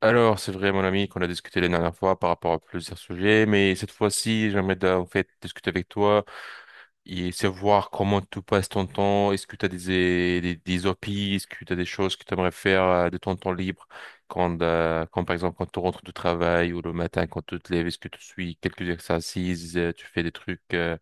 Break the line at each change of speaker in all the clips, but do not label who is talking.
Alors, c'est vrai, mon ami, qu'on a discuté la dernière fois par rapport à plusieurs sujets, mais cette fois-ci, j'aimerais en fait discuter avec toi et savoir comment tu passes ton temps. Est-ce que tu as des hobbies? Est-ce que tu as des choses que tu aimerais faire de ton temps libre quand, par exemple, quand tu rentres du travail ou le matin quand tu te lèves, est-ce que tu suis quelques exercices, tu fais des trucs euh,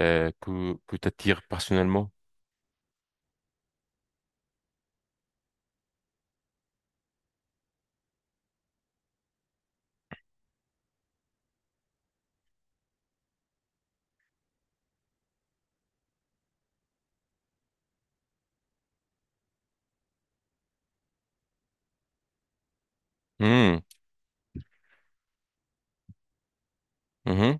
euh, que t'attires personnellement? Hmm, mhm.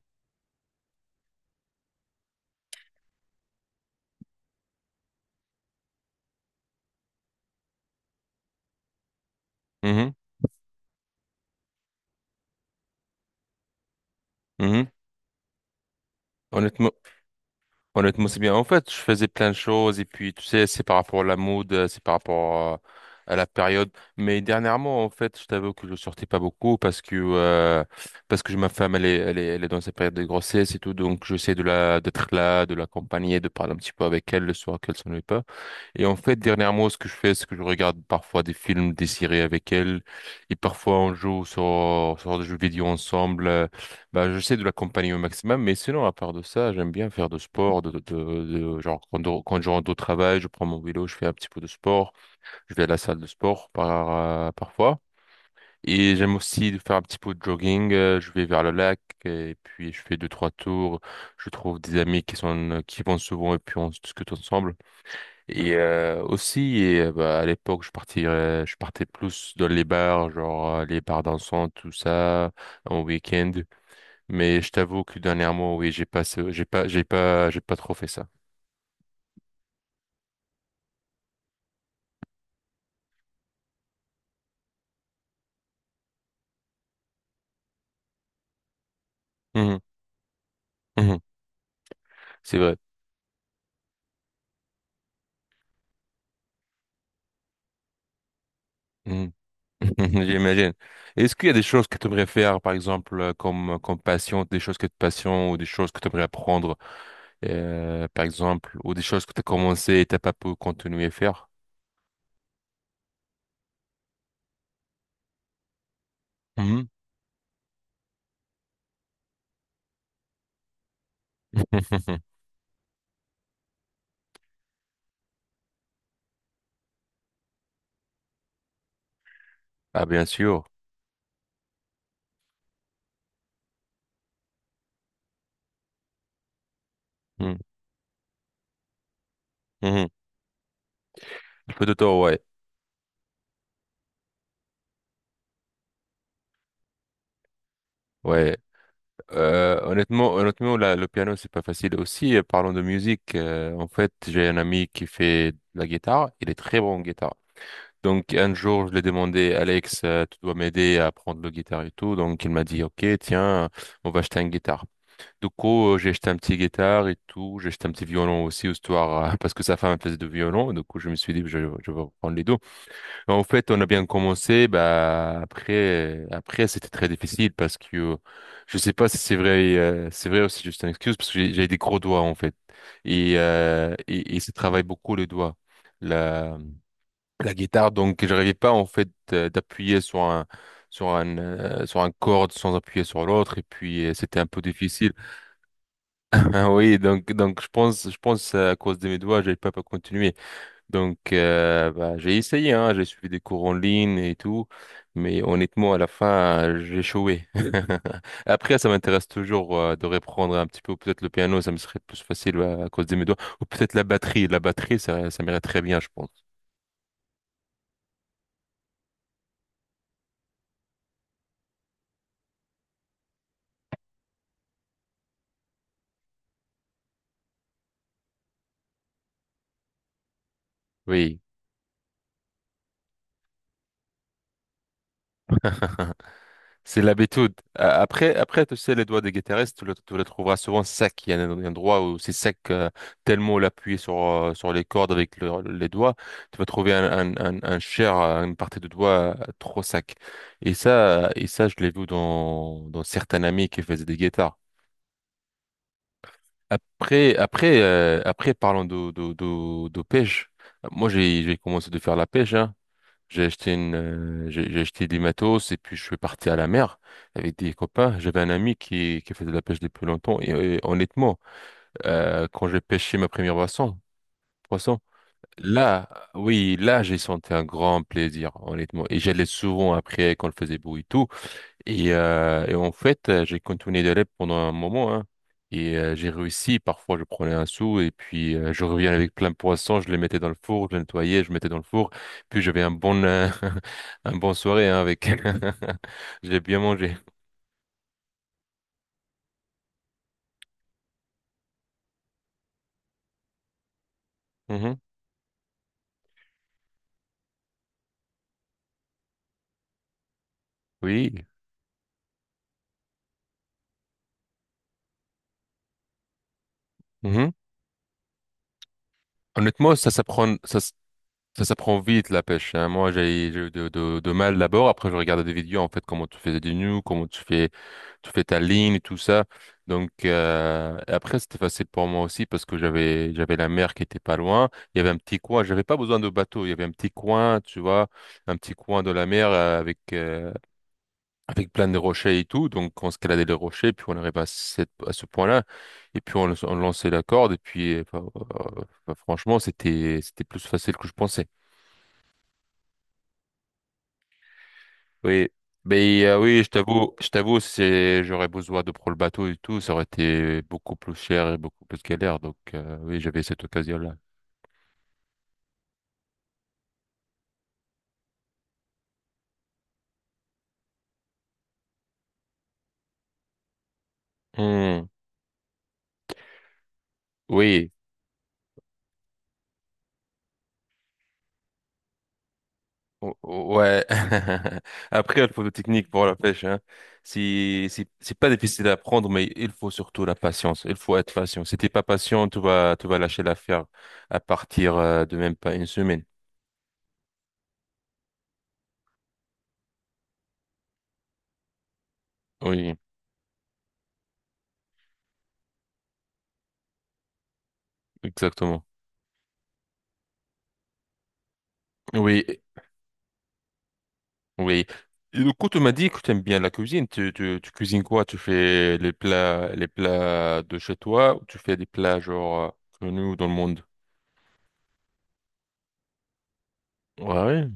mhm, mhm. Honnêtement, honnêtement, c'est bien. En fait, je faisais plein de choses et puis, tu sais, c'est par rapport à la mode, c'est par rapport à la période. Mais dernièrement, en fait, je t'avoue que je sortais pas beaucoup parce que ma femme, elle est dans sa période de grossesse et tout, donc j'essaie de la d'être là, de l'accompagner, de parler un petit peu avec elle le soir qu'elle s'ennuie pas. Et en fait, dernièrement, ce que je fais, c'est que je regarde parfois des films, des séries avec elle, et parfois on joue sur des jeux vidéo ensemble. J'essaie de l'accompagner au maximum, mais sinon, à part de ça, j'aime bien faire de sport, genre quand je rentre au travail, je prends mon vélo, je fais un petit peu de sport, je vais à la salle de sport par, parfois. Et j'aime aussi faire un petit peu de jogging, je vais vers le lac, et puis je fais deux, trois tours, je trouve des amis qui sont, qui vont souvent, et puis on discute ensemble. Et à l'époque, je partais plus dans les bars, genre les bars dansants, tout ça, en week-end. Mais je t'avoue que dernièrement, oui, j'ai pas, ce- j'ai pas, j'ai pas, j'ai pas trop fait ça. Mhm, mhm, c'est vrai. Mhm. J'imagine. Est-ce qu'il y a des choses que tu aimerais faire, par exemple, comme passion, des choses que tu passions ou des choses que tu aimerais apprendre, par exemple, ou des choses que tu as commencé et t'as pas pu continuer à faire? Mhm. Ah, bien sûr. Mhm. Mhm. Un peu de temps, ouais. Ouais. Honnêtement, le piano, c'est pas facile. Aussi, parlons de musique. En fait, j'ai un ami qui fait de la guitare. Il est très bon en guitare. Donc un jour, je lui ai demandé, Alex, tu dois m'aider à apprendre le guitare et tout. Donc il m'a dit, OK, tiens, on va acheter une guitare. Du coup, j'ai acheté un petit guitare et tout. J'ai acheté un petit violon aussi, histoire, parce que sa femme faisait du violon. Du coup, je me suis dit, je vais prendre les deux. En fait, on a bien commencé. Bah, après, c'était très difficile parce que je sais pas si c'est vrai, c'est vrai aussi juste une excuse parce que j'ai des gros doigts, en fait. Et, et ça travaille beaucoup les doigts. Là La guitare, donc j'arrivais pas en fait d'appuyer sur un sur un corde sans appuyer sur l'autre et puis c'était un peu difficile. Ah oui, donc je pense à cause de mes doigts, j'ai pas continué. Donc bah, j'ai essayé hein, j'ai suivi des cours en ligne et tout, mais honnêtement à la fin j'ai échoué. Après ça m'intéresse toujours de reprendre un petit peu peut-être le piano, ça me serait plus facile ouais, à cause de mes doigts ou peut-être la batterie ça m'irait très bien je pense. Oui. C'est l'habitude. Après, après, tu sais, les doigts des guitaristes, tu le trouveras souvent sec. Il y a un endroit où c'est sec, tellement l'appuyer sur, sur les cordes avec les doigts, tu vas trouver un chair, une partie de doigt trop sec. Et ça, je l'ai vu dans certains amis qui faisaient des guitares. Après, parlons de, de pêche. Moi, j'ai commencé de faire la pêche, hein. J'ai acheté une, j'ai acheté des matos et puis je suis parti à la mer avec des copains. J'avais un ami qui faisait de la pêche depuis longtemps et, honnêtement, quand j'ai pêché ma première poisson, là, oui, là, j'ai senti un grand plaisir, honnêtement. Et j'allais souvent après quand il faisait beau et tout. Et, en fait, j'ai continué d'élève pendant un moment, hein. Et j'ai réussi. Parfois, je prenais un sou et puis je reviens avec plein de poissons. Je les mettais dans le four, je les nettoyais, je mettais dans le four. Puis j'avais un bon, un bon soirée hein, avec. J'ai bien mangé. Mhm. Oui. Mhm. Honnêtement, ça s'apprend, ça. Ça prend vite la pêche. Hein. Moi, j'ai eu de, de mal d'abord. Après, je regardais des vidéos en fait comment tu fais des nœuds, comment tu fais ta ligne et tout ça. Donc après, c'était facile pour moi aussi parce que j'avais la mer qui était pas loin. Il y avait un petit coin. J'avais pas besoin de bateau. Il y avait un petit coin, tu vois, un petit coin de la mer avec plein de rochers et tout. Donc on escaladait les rochers, puis on arrivait à à ce point-là. Et puis on lançait la corde. Et puis enfin, franchement, c'était plus facile que je pensais. Oui, mais oui, je t'avoue, c'est j'aurais besoin de prendre le bateau et tout, ça aurait été beaucoup plus cher et beaucoup plus galère. Donc oui, j'avais cette occasion-là. Hmm, oui, ouais. Après, il faut de technique pour la pêche, hein. Si c'est pas difficile à apprendre, mais il faut surtout la patience. Il faut être patient. Si t'es pas patient, tu vas lâcher l'affaire à partir de même pas une semaine. Oui, exactement. Oui, oui. Et du coup, tu m'as dit que tu aimes bien la cuisine. Tu cuisines quoi? Tu fais les plats de chez toi ou tu fais des plats genre connus dans le monde? Ah ouais.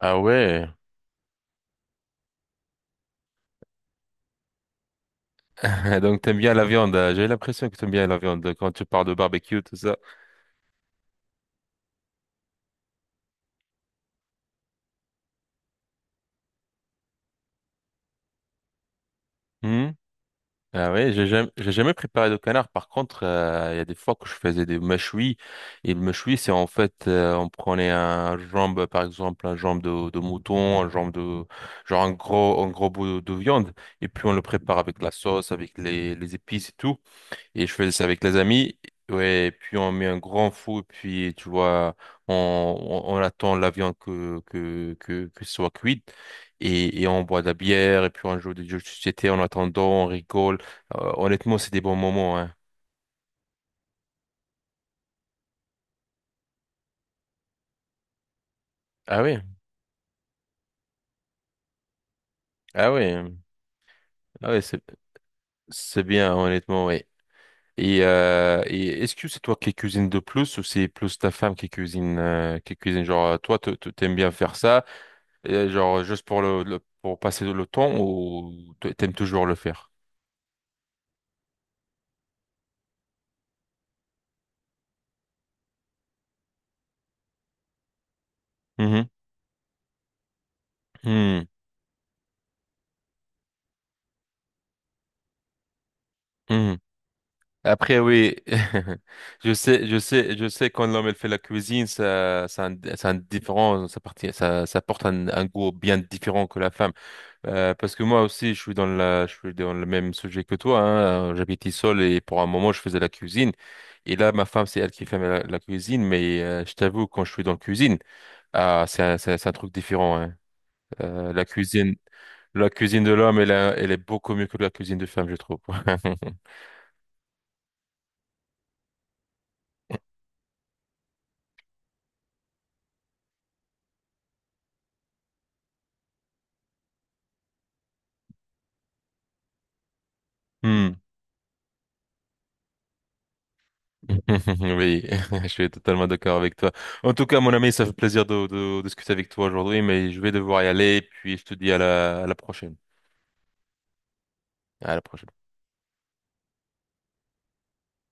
Ah ouais. Donc, t'aimes bien la viande. Hein. J'ai l'impression que t'aimes bien la viande quand tu parles de barbecue, tout ça. Ah oui, j'ai jamais préparé de canard. Par contre, il y a des fois que je faisais des mâchouis. Et le mâchoui, c'est en fait, on prenait un jambe, par exemple, un jambe de mouton, un jambe de, genre un gros bout de viande. Et puis on le prépare avec la sauce, avec les épices et tout. Et je faisais ça avec les amis. Ouais, et puis on met un grand fou, puis tu vois, on attend la viande que, que ce soit cuite. Et on boit de la bière, et puis on joue des jeux de société en attendant, on rigole. Honnêtement, c'est des bons moments, hein. Ah oui, ah oui, ah oui, c'est bien, honnêtement, oui. Et est-ce que c'est toi qui cuisines de plus ou c'est plus ta femme qui cuisine, qui cuisine? Genre, toi, t'aimes bien faire ça. Et genre juste pour pour passer le temps ou t'aimes toujours le faire? Mhm. Mhm. Mhm. Après oui, je sais quand l'homme elle fait la cuisine, ça a un différent, ça, ça porte un goût bien différent que la femme. Parce que moi aussi, je suis dans je suis dans le même sujet que toi. Hein. J'habitais seul et pour un moment, je faisais la cuisine. Et là, ma femme, c'est elle qui fait la cuisine, mais je t'avoue, quand je suis dans la cuisine, ah, c'est un, c'est un truc différent. Hein. Euh, la cuisine, la cuisine de l'homme, elle, elle est beaucoup mieux que la cuisine de femme, je trouve. Hmm. Oui, je suis totalement d'accord avec toi. En tout cas, mon ami, ça fait plaisir de discuter avec toi aujourd'hui, mais je vais devoir y aller, puis je te dis à à la prochaine. À la prochaine.